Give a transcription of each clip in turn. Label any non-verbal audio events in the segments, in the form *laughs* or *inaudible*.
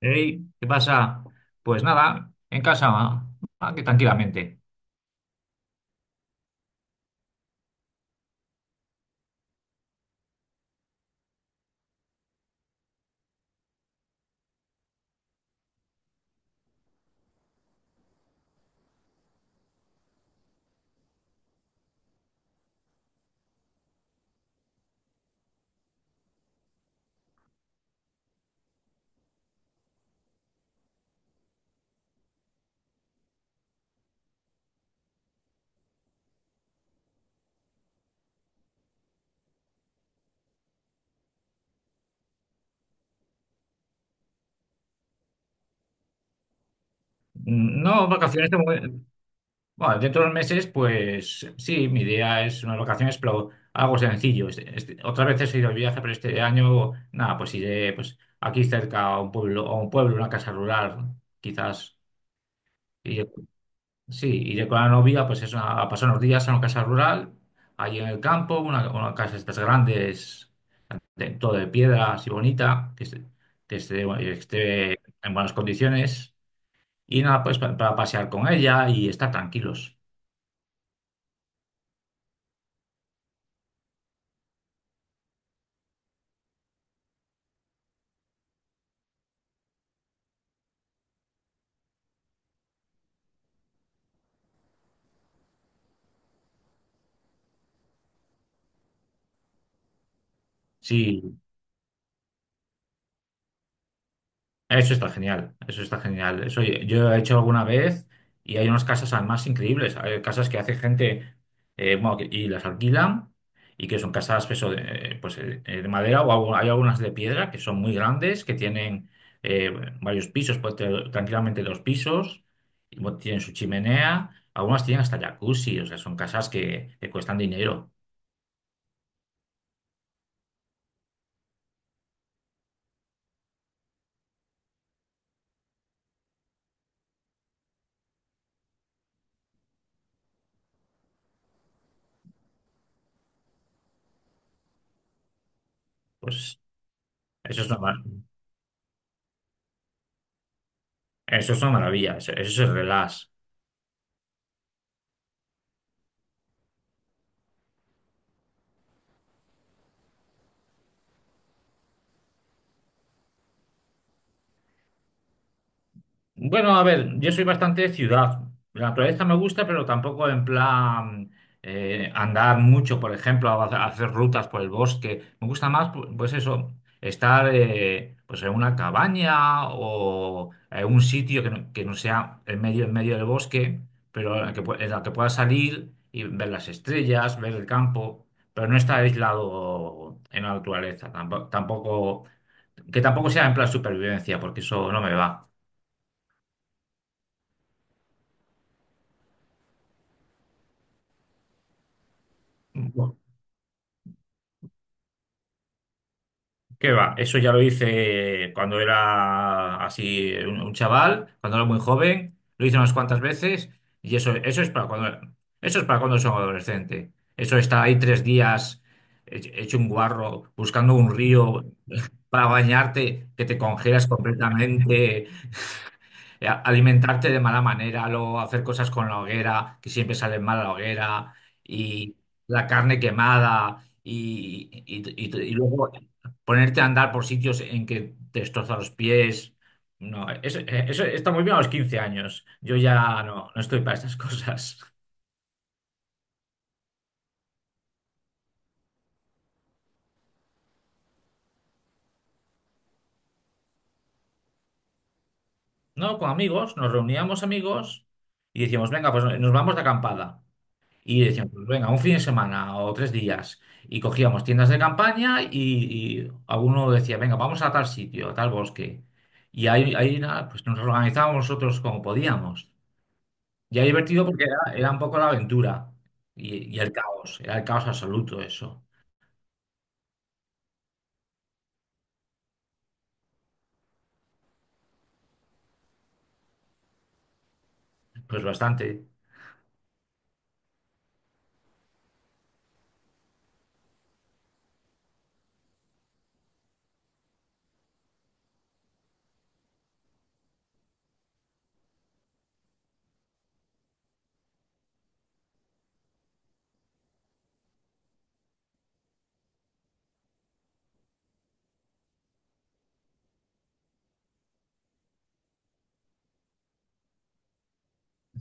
Ey, ¿qué pasa? Pues nada, en casa, aquí tranquilamente. No vacaciones, de bueno, dentro de unos meses, pues sí, mi idea es unas vacaciones, pero algo sencillo. Otras veces he ido de viaje, pero este año, nada, pues iré pues, aquí cerca a un pueblo, una casa rural, quizás. Iré- sí, iré con la novia, pues a pasar unos días a una casa rural, allí en el campo, una casa de estas grandes, de- todo de piedra así bonita, que esté, esté en buenas condiciones. Y nada, pues para pasear con ella y estar tranquilos. Sí, eso está genial, eso está genial. Eso yo he hecho alguna vez y hay unas casas además increíbles. Hay casas que hace gente bueno, y las alquilan y que son casas pues, eso, de madera o hay algunas de piedra que son muy grandes, que tienen eh, varios pisos, puede tener tranquilamente dos pisos, y bueno, tienen su chimenea, algunas tienen hasta jacuzzi. O sea, son casas que cuestan dinero. Pues eso es una, mar- eso es una maravilla, eso es relax. Bueno, a ver, yo soy bastante ciudad. La naturaleza me gusta, pero tampoco en plan andar mucho, por ejemplo, a hacer rutas por el bosque. Me gusta más, pues eso, estar pues en una cabaña o en un sitio que no sea en medio del bosque, pero en la que, en la que pueda salir y ver las estrellas, ver el campo, pero no estar aislado en la naturaleza. Tampoco, que tampoco sea en plan supervivencia, porque eso no me va. ¿Qué va? Eso ya lo hice cuando era así un chaval, cuando era muy joven, lo hice unas cuantas veces. Y eso, eso es para cuando son adolescente. Eso está ahí tres días, hecho un guarro, buscando un río *laughs* para bañarte, que te congelas completamente, alimentarte de mala manera, luego hacer cosas con la hoguera, que siempre salen mal a la hoguera, y la carne quemada, y luego ponerte a andar por sitios en que te destroza los pies. No, eso, eso está muy bien a los 15 años. Yo ya no, no estoy para estas *laughs* cosas. No, con amigos, nos reuníamos amigos y decíamos, venga, pues nos vamos de acampada. Y decíamos, pues venga, un fin de semana o tres días. Y cogíamos tiendas de campaña, y alguno decía, venga, vamos a tal sitio, a tal bosque. Y ahí, ahí nada, pues nos organizábamos nosotros como podíamos. Y era divertido porque era un poco la aventura y el caos, era el caos absoluto eso. Pues bastante,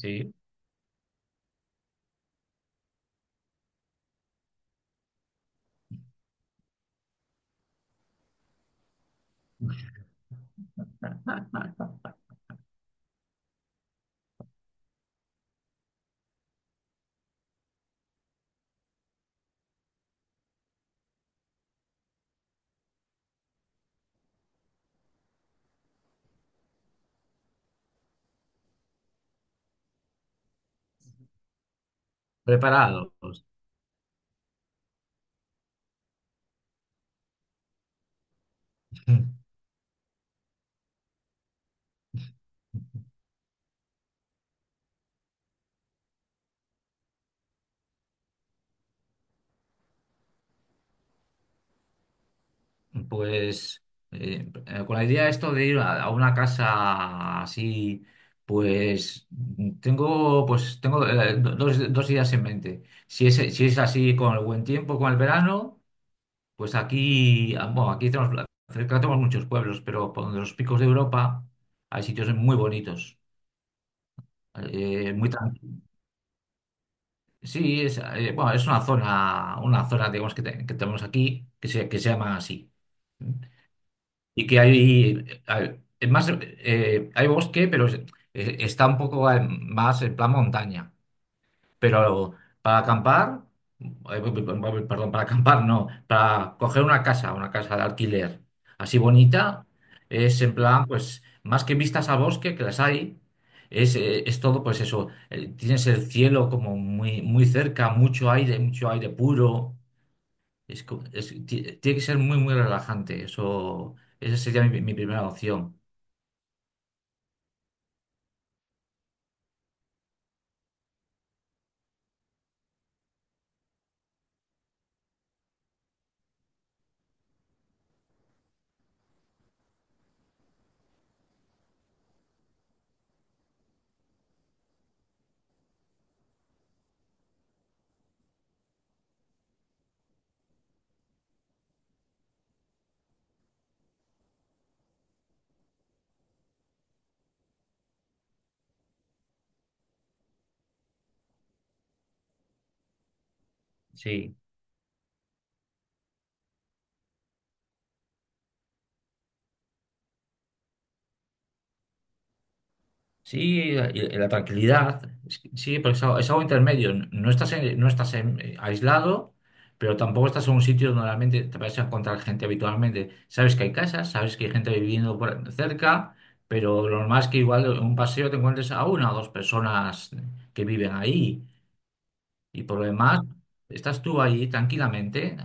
sí, preparados. *laughs* Pues con la idea esto de ir a una casa así, pues tengo, pues tengo dos, dos ideas en mente. Si es, si es así con el buen tiempo, con el verano, pues aquí, ah, bueno, aquí tenemos, cerca tenemos muchos pueblos, pero por donde los Picos de Europa hay sitios muy bonitos. eh, muy tran- sí, es, bueno, es una zona, digamos, que tenemos aquí que se llama así. Y que es más, hay bosque, pero está un poco más en plan montaña. Pero para acampar, eh, perdón, para acampar no, para coger una casa de alquiler así bonita, es en plan, pues, más que vistas al bosque, que las hay, es, tienes el cielo como muy, muy cerca, mucho aire puro. Es, co- es- ti- Tiene que ser muy, muy relajante. Eso, esa sería mi, mi primera opción. Sí. Sí, y la tranquilidad. Es que- sí, porque es algo intermedio. No estás, no estás aislado, pero tampoco estás en un sitio donde realmente te vas a encontrar gente habitualmente. Sabes que hay casas, sabes que hay gente viviendo por cerca, pero lo normal es que igual en un paseo te encuentres a una o dos personas que viven ahí. Y por lo demás, estás tú ahí tranquilamente,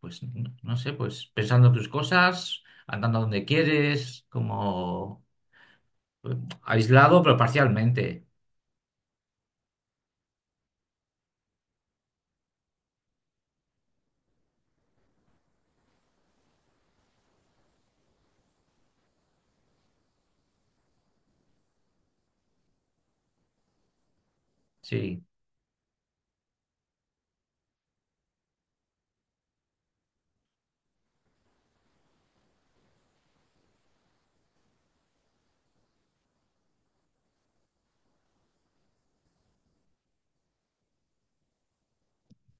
pues no sé, pues pensando tus cosas, andando donde quieres, como eh, aislado, pero parcialmente. Sí.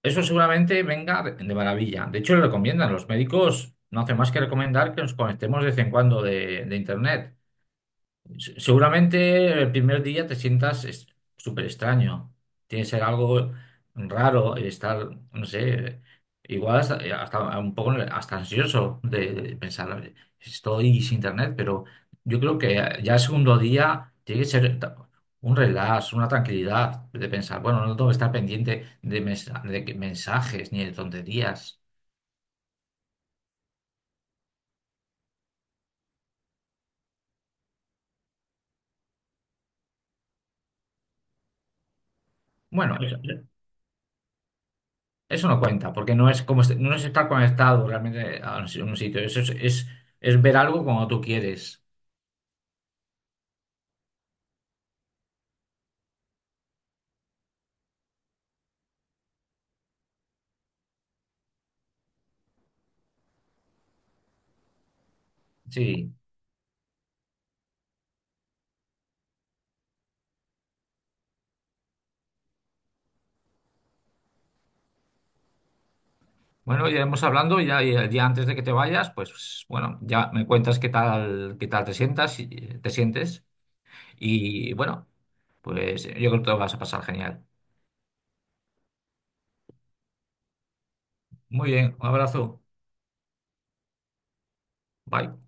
Eso seguramente venga de maravilla. De hecho, lo recomiendan. Los médicos no hacen más que recomendar que nos conectemos de vez en cuando de internet. Seguramente el primer día te sientas súper extraño. Tiene que ser algo raro el estar, no sé, igual hasta, hasta un poco hasta ansioso de pensar, estoy sin internet, pero yo creo que ya el segundo día tiene que ser un relax, una tranquilidad de pensar, bueno, no tengo que estar pendiente de, mensajes ni de tonterías. Bueno, eso no cuenta, porque no es como no es estar conectado realmente a un un sitio. Eso es ver algo cuando tú quieres. Sí. Bueno, iremos hablando y ya y el día antes de que te vayas, pues bueno, ya me cuentas qué tal, te sientes. Y bueno, pues yo creo que te lo vas a pasar genial. Muy bien, un abrazo. Bye.